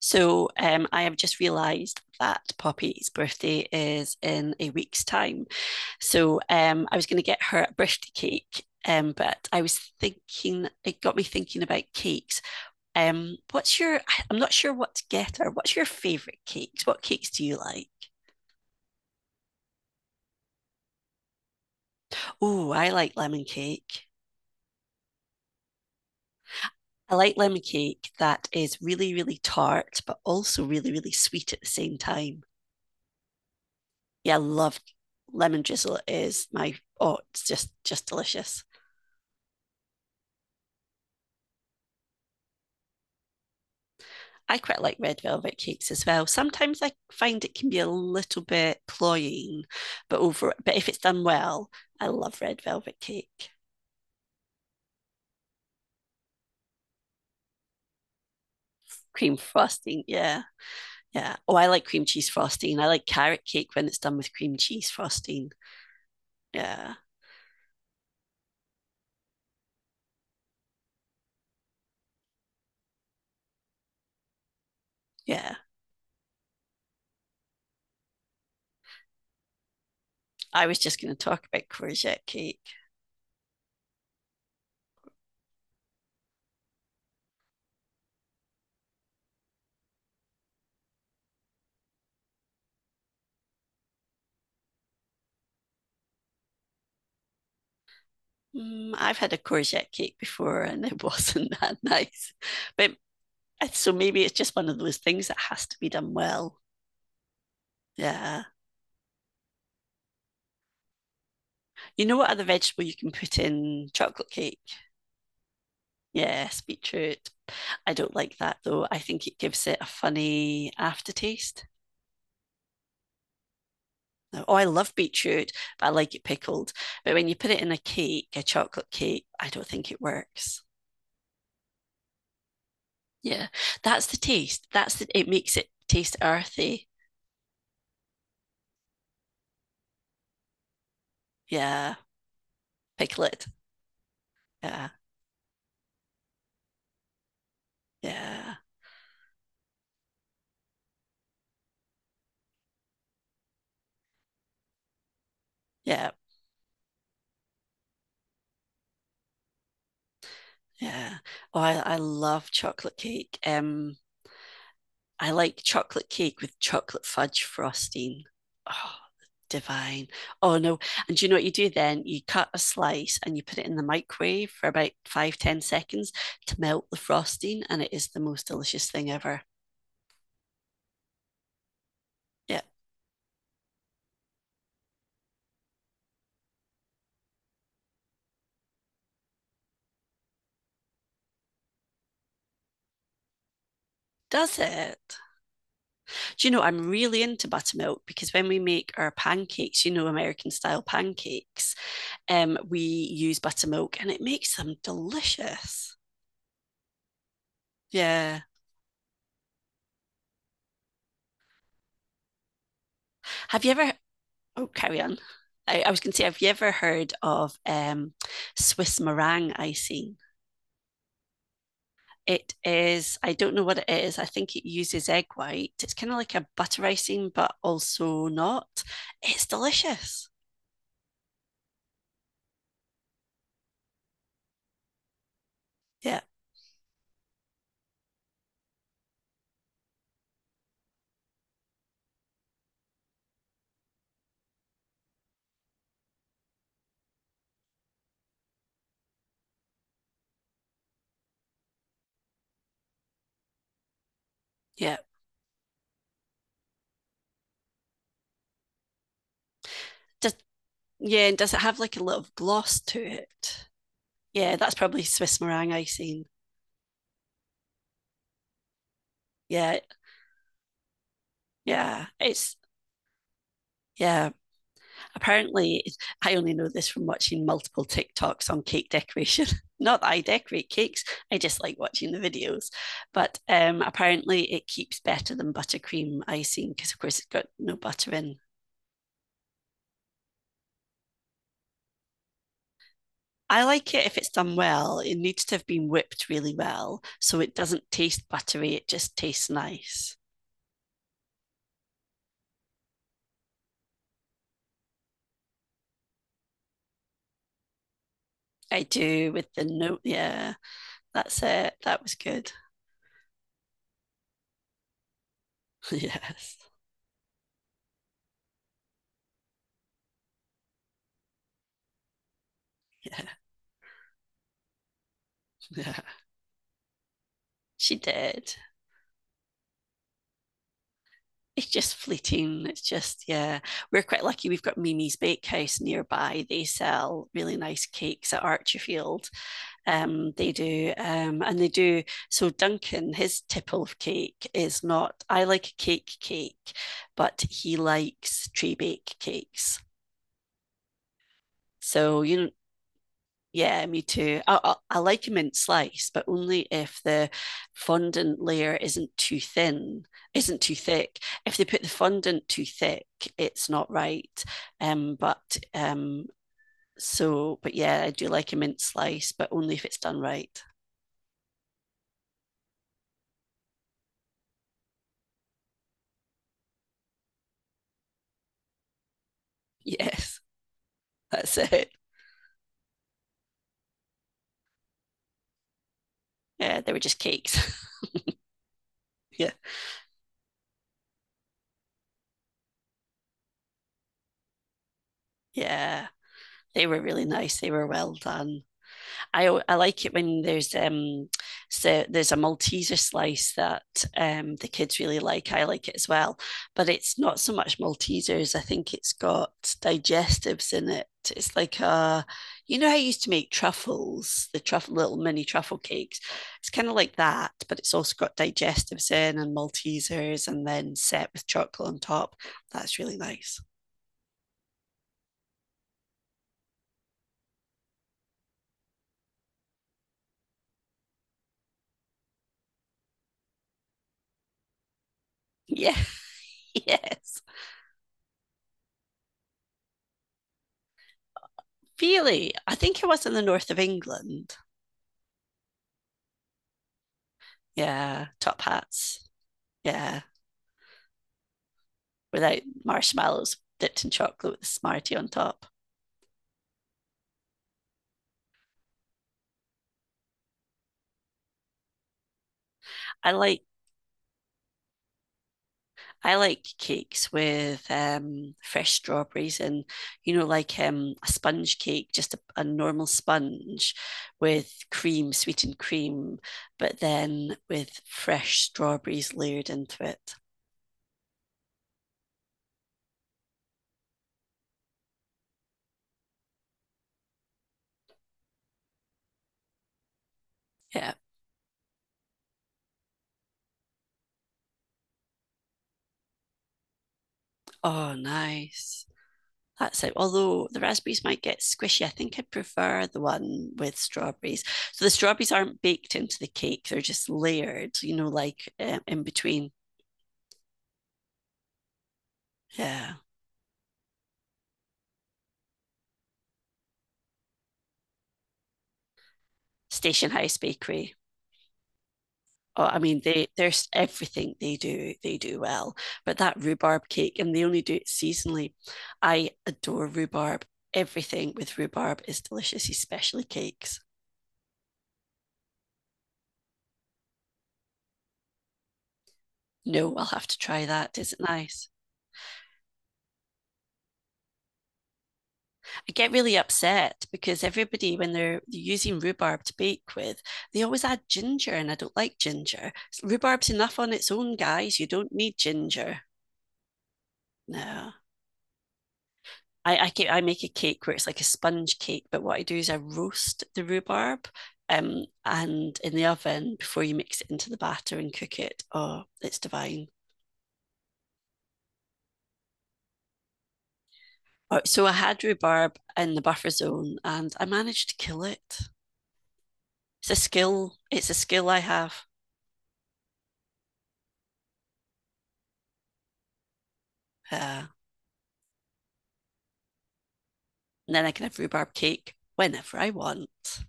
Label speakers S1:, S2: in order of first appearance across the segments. S1: So I have just realised that Poppy's birthday is in a week's time. So I was going to get her a birthday cake, but I was thinking, it got me thinking about cakes. I am not sure what to get her. What's your favourite cakes? What cakes do you like? Oh, I like lemon cake. I like lemon cake that is really, really tart, but also really, really sweet at the same time. Yeah, I love lemon drizzle. It is my, oh, it's just delicious. I quite like red velvet cakes as well. Sometimes I find it can be a little bit cloying, but over but if it's done well, I love red velvet cake. Cream frosting, yeah. Yeah. Oh, I like cream cheese frosting. I like carrot cake when it's done with cream cheese frosting. Yeah. Yeah. I was just going to talk about courgette cake. I've had a courgette cake before and it wasn't that nice. But so maybe it's just one of those things that has to be done well. Yeah. You know what other vegetable you can put in chocolate cake? Yes, beetroot. I don't like that though. I think it gives it a funny aftertaste. Oh, I love beetroot, but I like it pickled. But when you put it in a cake, a chocolate cake, I don't think it works. Yeah, that's the taste. That's the, it makes it taste earthy. Yeah, pickle it. Yeah, yeah, yeah, yeah. Oh, I love chocolate cake. I like chocolate cake with chocolate fudge frosting. Oh, divine. Oh no. And do you know what you do then? You cut a slice and you put it in the microwave for about 5, 10 seconds to melt the frosting, and it is the most delicious thing ever. Yeah, does it? Do you know I'm really into buttermilk because when we make our pancakes, American style pancakes, we use buttermilk and it makes them delicious. Yeah. Have you ever. Oh, carry on. I was going to say, have you ever heard of Swiss meringue icing? It is, I don't know what it is. I think it uses egg white. It's kind of like a butter icing, but also not. It's delicious. Yeah, yeah. Does, yeah, and does it have like a little gloss to it? Yeah, that's probably Swiss meringue icing. Yeah, yeah. It's, yeah, apparently I only know this from watching multiple TikToks on cake decoration. Not that I decorate cakes, I just like watching the videos. But apparently it keeps better than buttercream icing because of course it's got no butter in. I like it if it's done well. It needs to have been whipped really well so it doesn't taste buttery, it just tastes nice. I do, with the note, yeah. That's it, that was good. Yes. Yeah, yeah, she did. It's just fleeting. It's just, yeah. We're quite lucky. We've got Mimi's Bakehouse nearby. They sell really nice cakes at Archerfield. They do. And they do. So Duncan, his tipple of cake is not, I like a cake cake, but he likes tree bake cakes. So, yeah, me too. I like a mint slice, but only if the fondant layer isn't too thin, isn't too thick. If they put the fondant too thick, it's not right. But so, but yeah, I do like a mint slice, but only if it's done right. Yes, that's it. Yeah, they were just cakes. Yeah, yeah, they were really nice. They were well done. I like it when there's a Malteser slice that the kids really like. I like it as well, but it's not so much Maltesers. I think it's got digestives in it. It's like a, you know how I used to make truffles, the truffle little mini truffle cakes. It's kind of like that, but it's also got digestives in and Maltesers, and then set with chocolate on top. That's really nice. Yeah, yes. Really, I think it was in the north of England. Yeah, top hats. Yeah, without marshmallows dipped in chocolate with a Smartie on top. I like I like cakes with fresh strawberries and you know like a sponge cake, just a normal sponge with cream, sweetened cream, but then with fresh strawberries layered into it. Yeah. Oh, nice. That's it. Although the raspberries might get squishy, I think I prefer the one with strawberries. So the strawberries aren't baked into the cake; they're just layered. You know, like in between. Yeah, Station House Bakery. Oh, I mean, they there's everything they do. They do well. But that rhubarb cake, and they only do it seasonally. I adore rhubarb. Everything with rhubarb is delicious, especially cakes. No, I'll have to try that. Is it nice? I get really upset because everybody, when they're, using rhubarb to bake with, they always add ginger, and I don't like ginger. Rhubarb's enough on its own, guys. You don't need ginger. No. I make a cake where it's like a sponge cake, but what I do is I roast the rhubarb and in the oven before you mix it into the batter and cook it. Oh, it's divine. Oh, so I had rhubarb in the buffer zone and I managed to kill it. It's a skill. It's a skill I have. Yeah. And then I can have rhubarb cake whenever I want.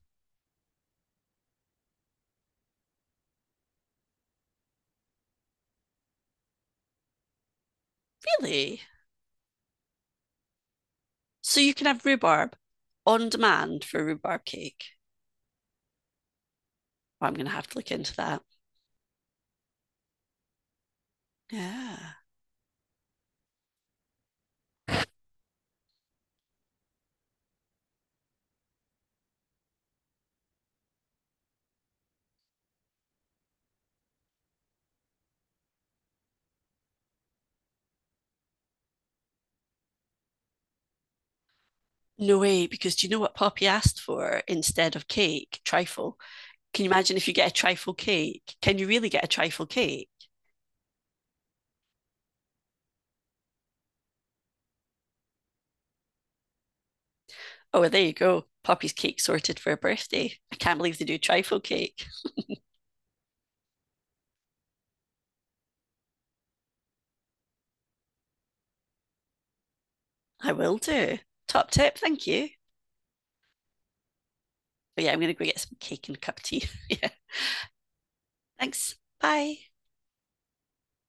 S1: Really? So you can have rhubarb on demand for rhubarb cake. Well, I'm going to have to look into that. Yeah. No way, because do you know what Poppy asked for instead of cake? Trifle. Can you imagine if you get a trifle cake? Can you really get a trifle cake? Oh, well, there you go. Poppy's cake sorted for her birthday. I can't believe they do trifle cake. I will do. Top tip, thank you. Oh yeah, I'm going to go get some cake and a cup of tea. Yeah. Thanks. Bye.